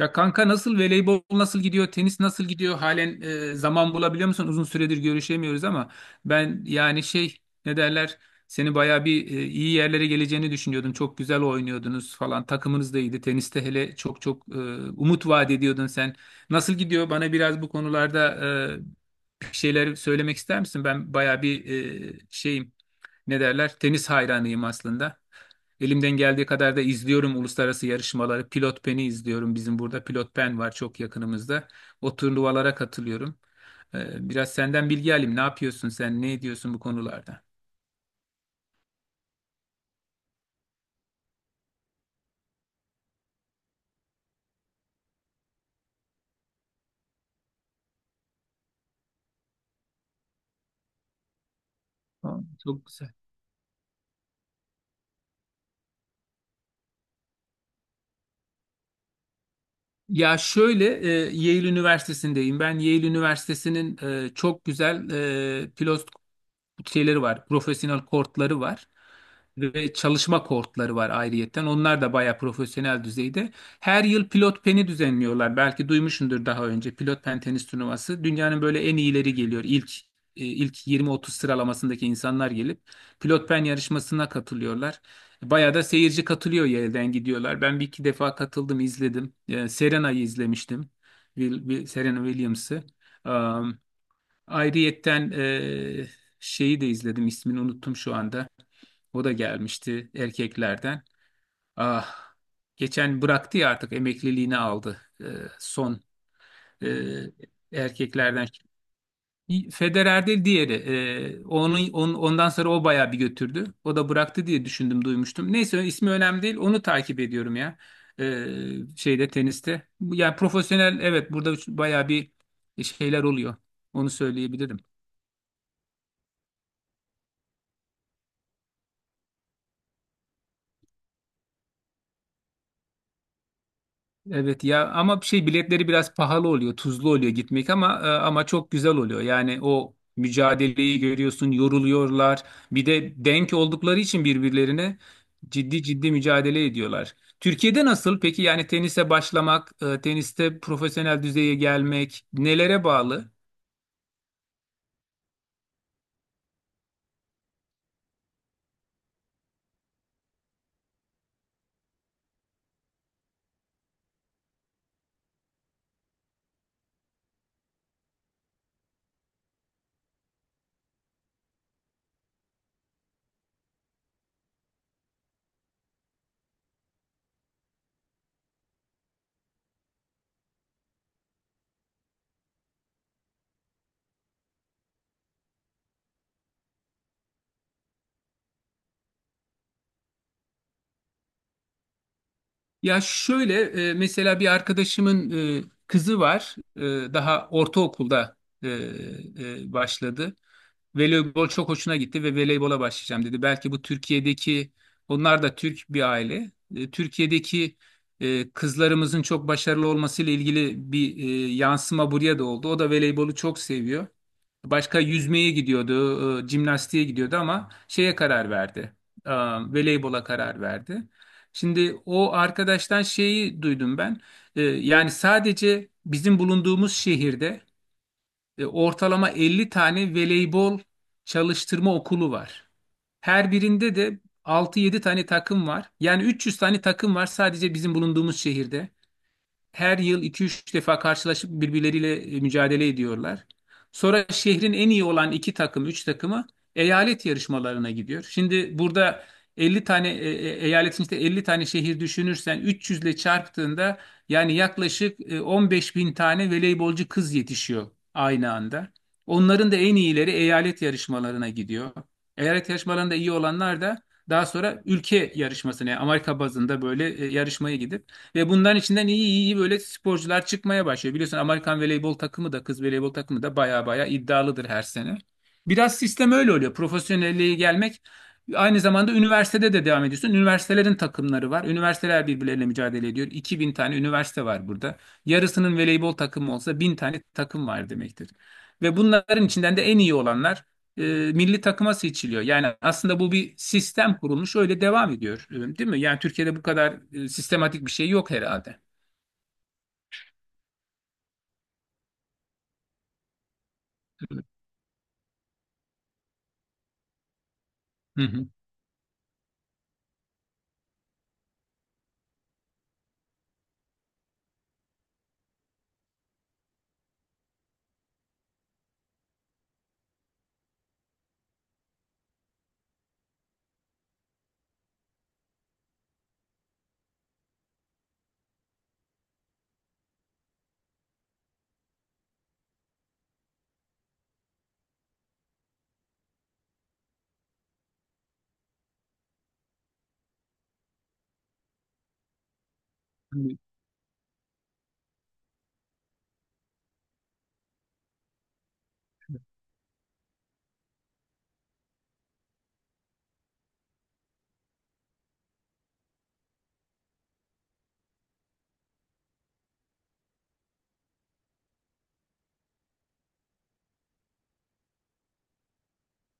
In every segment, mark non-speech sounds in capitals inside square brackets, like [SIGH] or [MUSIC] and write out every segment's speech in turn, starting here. Ya kanka, nasıl? Voleybol nasıl gidiyor, tenis nasıl gidiyor halen? Zaman bulabiliyor musun? Uzun süredir görüşemiyoruz ama ben yani şey, ne derler, seni baya bir iyi yerlere geleceğini düşünüyordum. Çok güzel oynuyordunuz falan, takımınız da iyiydi. Teniste hele çok çok umut vaat ediyordun sen. Nasıl gidiyor? Bana biraz bu konularda e, bir şeyler söylemek ister misin? Ben bayağı bir şeyim. Ne derler? Tenis hayranıyım aslında. Elimden geldiği kadar da izliyorum uluslararası yarışmaları. Pilot Pen'i izliyorum. Bizim burada Pilot Pen var, çok yakınımızda. O turnuvalara katılıyorum. Biraz senden bilgi alayım. Ne yapıyorsun sen? Ne ediyorsun bu konularda? Aa, çok güzel. Ya şöyle, Yale Üniversitesi'ndeyim. Ben Yale Üniversitesi'nin çok güzel pilot şeyleri var. Profesyonel kortları var ve çalışma kortları var ayrıyetten. Onlar da bayağı profesyonel düzeyde. Her yıl Pilot Pen'i düzenliyorlar. Belki duymuşsundur daha önce. Pilot Pen tenis turnuvası, dünyanın böyle en iyileri geliyor. İlk 20-30 sıralamasındaki insanlar gelip Pilot Pen yarışmasına katılıyorlar. Bayağı da seyirci katılıyor, yerden gidiyorlar. Ben bir iki defa katıldım, izledim. Serena'yı izlemiştim. Serena Williams'ı. Ayrıyetten şeyi de izledim, ismini unuttum şu anda. O da gelmişti erkeklerden. Ah, geçen bıraktı ya, artık emekliliğini aldı. Son eee, erkeklerden. Federer değil, diğeri. Onun, ondan sonra o bayağı bir götürdü. O da bıraktı diye düşündüm, duymuştum. Neyse, ismi önemli değil. Onu takip ediyorum ya. Şeyde, teniste. Yani profesyonel, evet, burada bayağı bir şeyler oluyor. Onu söyleyebilirim. Evet ya ama şey, biletleri biraz pahalı oluyor, tuzlu oluyor gitmek ama çok güzel oluyor. Yani o mücadeleyi görüyorsun, yoruluyorlar. Bir de denk oldukları için birbirlerine ciddi ciddi mücadele ediyorlar. Türkiye'de nasıl? Peki yani tenise başlamak, teniste profesyonel düzeye gelmek nelere bağlı? Ya şöyle, mesela bir arkadaşımın kızı var. Daha ortaokulda e, başladı. Voleybol çok hoşuna gitti ve voleybola başlayacağım dedi. Belki bu Türkiye'deki, onlar da Türk bir aile. Türkiye'deki kızlarımızın çok başarılı olmasıyla ilgili bir yansıma buraya da oldu. O da voleybolu çok seviyor. Başka yüzmeye gidiyordu, jimnastiğe gidiyordu ama şeye karar verdi. E, Voleybola karar verdi. Şimdi o arkadaştan şeyi duydum ben. Yani sadece bizim bulunduğumuz şehirde ortalama 50 tane voleybol çalıştırma okulu var. Her birinde de altı yedi tane takım var. Yani 300 tane takım var sadece bizim bulunduğumuz şehirde, her yıl iki üç defa karşılaşıp birbirleriyle mücadele ediyorlar. Sonra şehrin en iyi olan 2 takım, 3 takımı eyalet yarışmalarına gidiyor. Şimdi burada 50 tane eyaletin, işte 50 tane şehir düşünürsen 300 ile çarptığında, yani yaklaşık 15 bin tane voleybolcu kız yetişiyor aynı anda. Onların da en iyileri eyalet yarışmalarına gidiyor. Eyalet yarışmalarında iyi olanlar da daha sonra ülke yarışmasına, yani Amerika bazında böyle yarışmaya gidip, ve bundan içinden iyi iyi böyle sporcular çıkmaya başlıyor. Biliyorsun Amerikan voleybol takımı da, kız voleybol takımı da baya baya iddialıdır her sene. Biraz sistem öyle oluyor. Profesyonelliğe gelmek, aynı zamanda üniversitede de devam ediyorsun. Üniversitelerin takımları var. Üniversiteler birbirleriyle mücadele ediyor. 2.000 tane üniversite var burada. Yarısının voleybol takımı olsa 1000 tane takım var demektir. Ve bunların içinden de en iyi olanlar e, milli takıma seçiliyor. Yani aslında bu bir sistem kurulmuş, öyle devam ediyor, değil mi? Yani Türkiye'de bu kadar sistematik bir şey yok herhalde. Hı hı.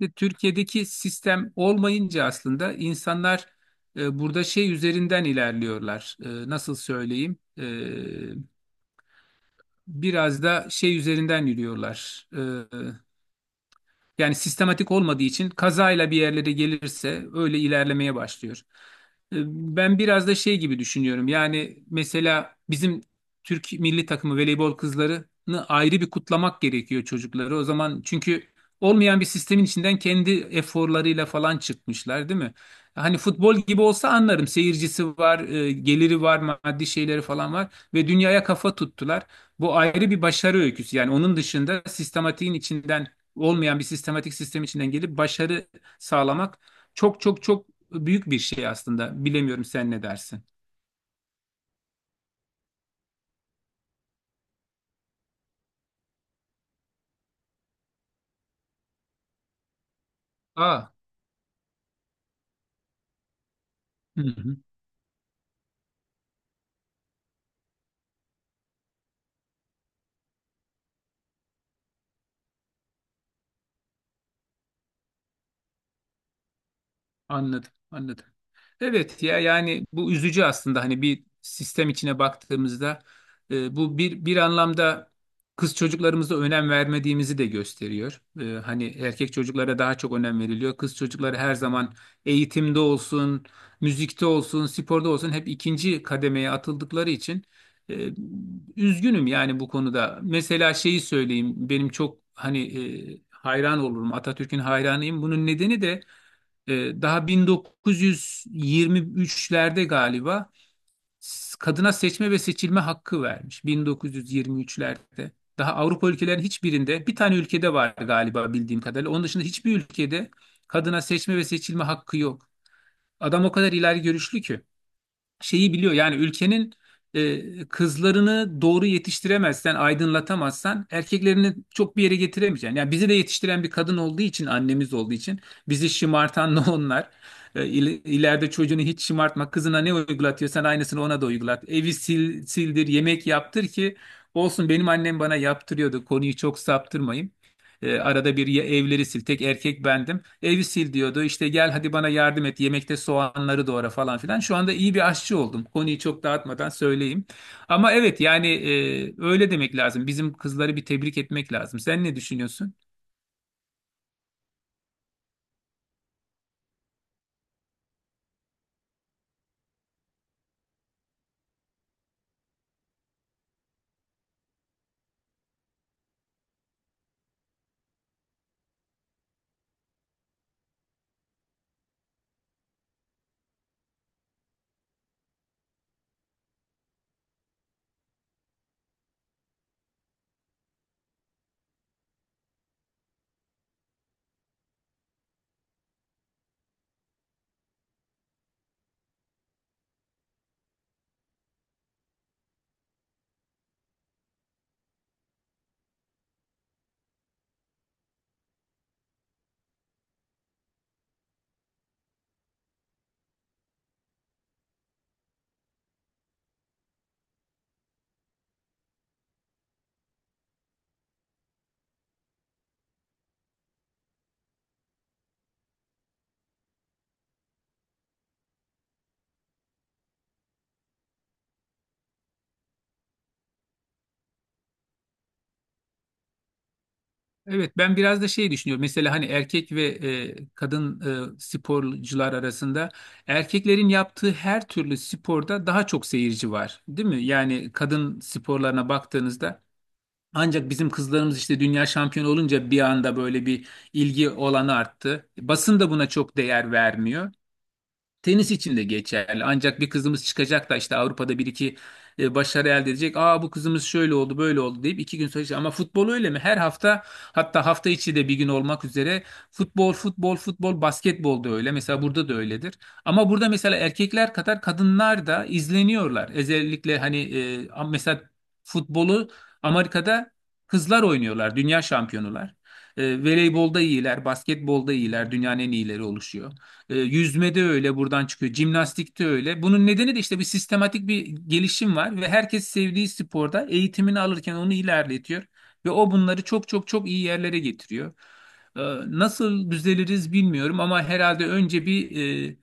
Ve Türkiye'deki sistem olmayınca aslında insanlar burada şey üzerinden ilerliyorlar. Nasıl söyleyeyim? Biraz da şey üzerinden yürüyorlar. E, Yani sistematik olmadığı için kazayla bir yerlere gelirse öyle ilerlemeye başlıyor. E, Ben biraz da şey gibi düşünüyorum. Yani mesela bizim Türk milli takımı voleybol kızlarını ayrı bir kutlamak gerekiyor, çocukları. O zaman çünkü olmayan bir sistemin içinden kendi eforlarıyla falan çıkmışlar, değil mi? Hani futbol gibi olsa anlarım. Seyircisi var, geliri var, maddi şeyleri falan var ve dünyaya kafa tuttular. Bu ayrı bir başarı öyküsü. Yani onun dışında sistematiğin içinden, olmayan bir sistematik sistem içinden gelip başarı sağlamak çok çok çok büyük bir şey aslında. Bilemiyorum, sen ne dersin? Aa, hı hı, anladım, anladım. Evet ya, yani bu üzücü aslında, hani bir sistem içine baktığımızda bu bir anlamda kız çocuklarımıza önem vermediğimizi de gösteriyor. Hani erkek çocuklara daha çok önem veriliyor. Kız çocukları her zaman eğitimde olsun, müzikte olsun, sporda olsun hep ikinci kademeye atıldıkları için e, üzgünüm yani bu konuda. Mesela şeyi söyleyeyim, benim çok hani hayran olurum, Atatürk'ün hayranıyım. Bunun nedeni de daha 1923'lerde galiba kadına seçme ve seçilme hakkı vermiş 1923'lerde. Daha Avrupa ülkelerin hiçbirinde, bir tane ülkede var galiba bildiğim kadarıyla. Onun dışında hiçbir ülkede kadına seçme ve seçilme hakkı yok. Adam o kadar ileri görüşlü ki şeyi biliyor. Yani ülkenin kızlarını doğru yetiştiremezsen, aydınlatamazsan erkeklerini çok bir yere getiremeyeceksin. Yani bizi de yetiştiren bir kadın olduğu için, annemiz olduğu için bizi şımartan [LAUGHS] da onlar. E, il- ileride çocuğunu hiç şımartma. Kızına ne uygulatıyorsan aynısını ona da uygulat. Evi sil, sildir, yemek yaptır ki olsun, benim annem bana yaptırıyordu. Konuyu çok saptırmayayım. Arada bir ya, evleri sil. Tek erkek bendim. Evi sil diyordu. İşte gel hadi bana yardım et. Yemekte soğanları doğra falan filan. Şu anda iyi bir aşçı oldum. Konuyu çok dağıtmadan söyleyeyim. Ama evet yani, öyle demek lazım. Bizim kızları bir tebrik etmek lazım. Sen ne düşünüyorsun? Evet, ben biraz da şey düşünüyorum. Mesela hani erkek ve kadın sporcular arasında, erkeklerin yaptığı her türlü sporda daha çok seyirci var, değil mi? Yani kadın sporlarına baktığınızda, ancak bizim kızlarımız işte dünya şampiyonu olunca bir anda böyle bir ilgi olanı arttı. Basın da buna çok değer vermiyor. Tenis için de geçerli. Ancak bir kızımız çıkacak da işte Avrupa'da bir iki başarı elde edecek. Aa, bu kızımız şöyle oldu böyle oldu deyip iki gün sonra. Ama futbol öyle mi? Her hafta, hatta hafta içi de bir gün olmak üzere, futbol futbol futbol, basketbol da öyle. Mesela burada da öyledir. Ama burada mesela erkekler kadar kadınlar da izleniyorlar. Özellikle hani mesela futbolu Amerika'da kızlar oynuyorlar. Dünya şampiyonular. Voleybolda iyiler, basketbolda iyiler, dünyanın en iyileri oluşuyor. Yüzmede öyle, buradan çıkıyor. Jimnastikte öyle. Bunun nedeni de işte bir sistematik bir gelişim var ve herkes sevdiği sporda eğitimini alırken onu ilerletiyor, ve o bunları çok çok çok iyi yerlere getiriyor. E, Nasıl düzeliriz bilmiyorum, ama herhalde önce bir, e,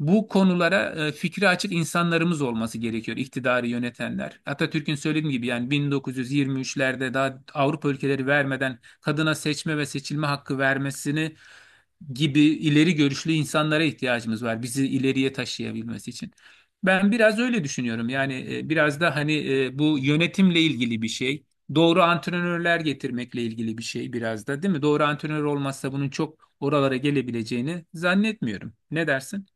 bu konulara fikri açık insanlarımız olması gerekiyor, iktidarı yönetenler. Atatürk'ün söylediğim gibi yani 1923'lerde, daha Avrupa ülkeleri vermeden kadına seçme ve seçilme hakkı vermesini gibi, ileri görüşlü insanlara ihtiyacımız var bizi ileriye taşıyabilmesi için. Ben biraz öyle düşünüyorum. Yani biraz da hani bu yönetimle ilgili bir şey. Doğru antrenörler getirmekle ilgili bir şey biraz da, değil mi? Doğru antrenör olmazsa bunun çok oralara gelebileceğini zannetmiyorum. Ne dersin?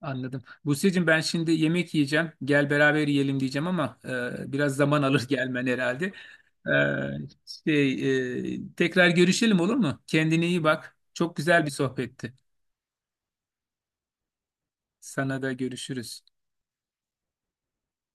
Anladım. Buse'cim, ben şimdi yemek yiyeceğim. Gel beraber yiyelim diyeceğim ama biraz zaman alır gelmen herhalde. E, tekrar görüşelim, olur mu? Kendine iyi bak. Çok güzel bir sohbetti. Sana da görüşürüz.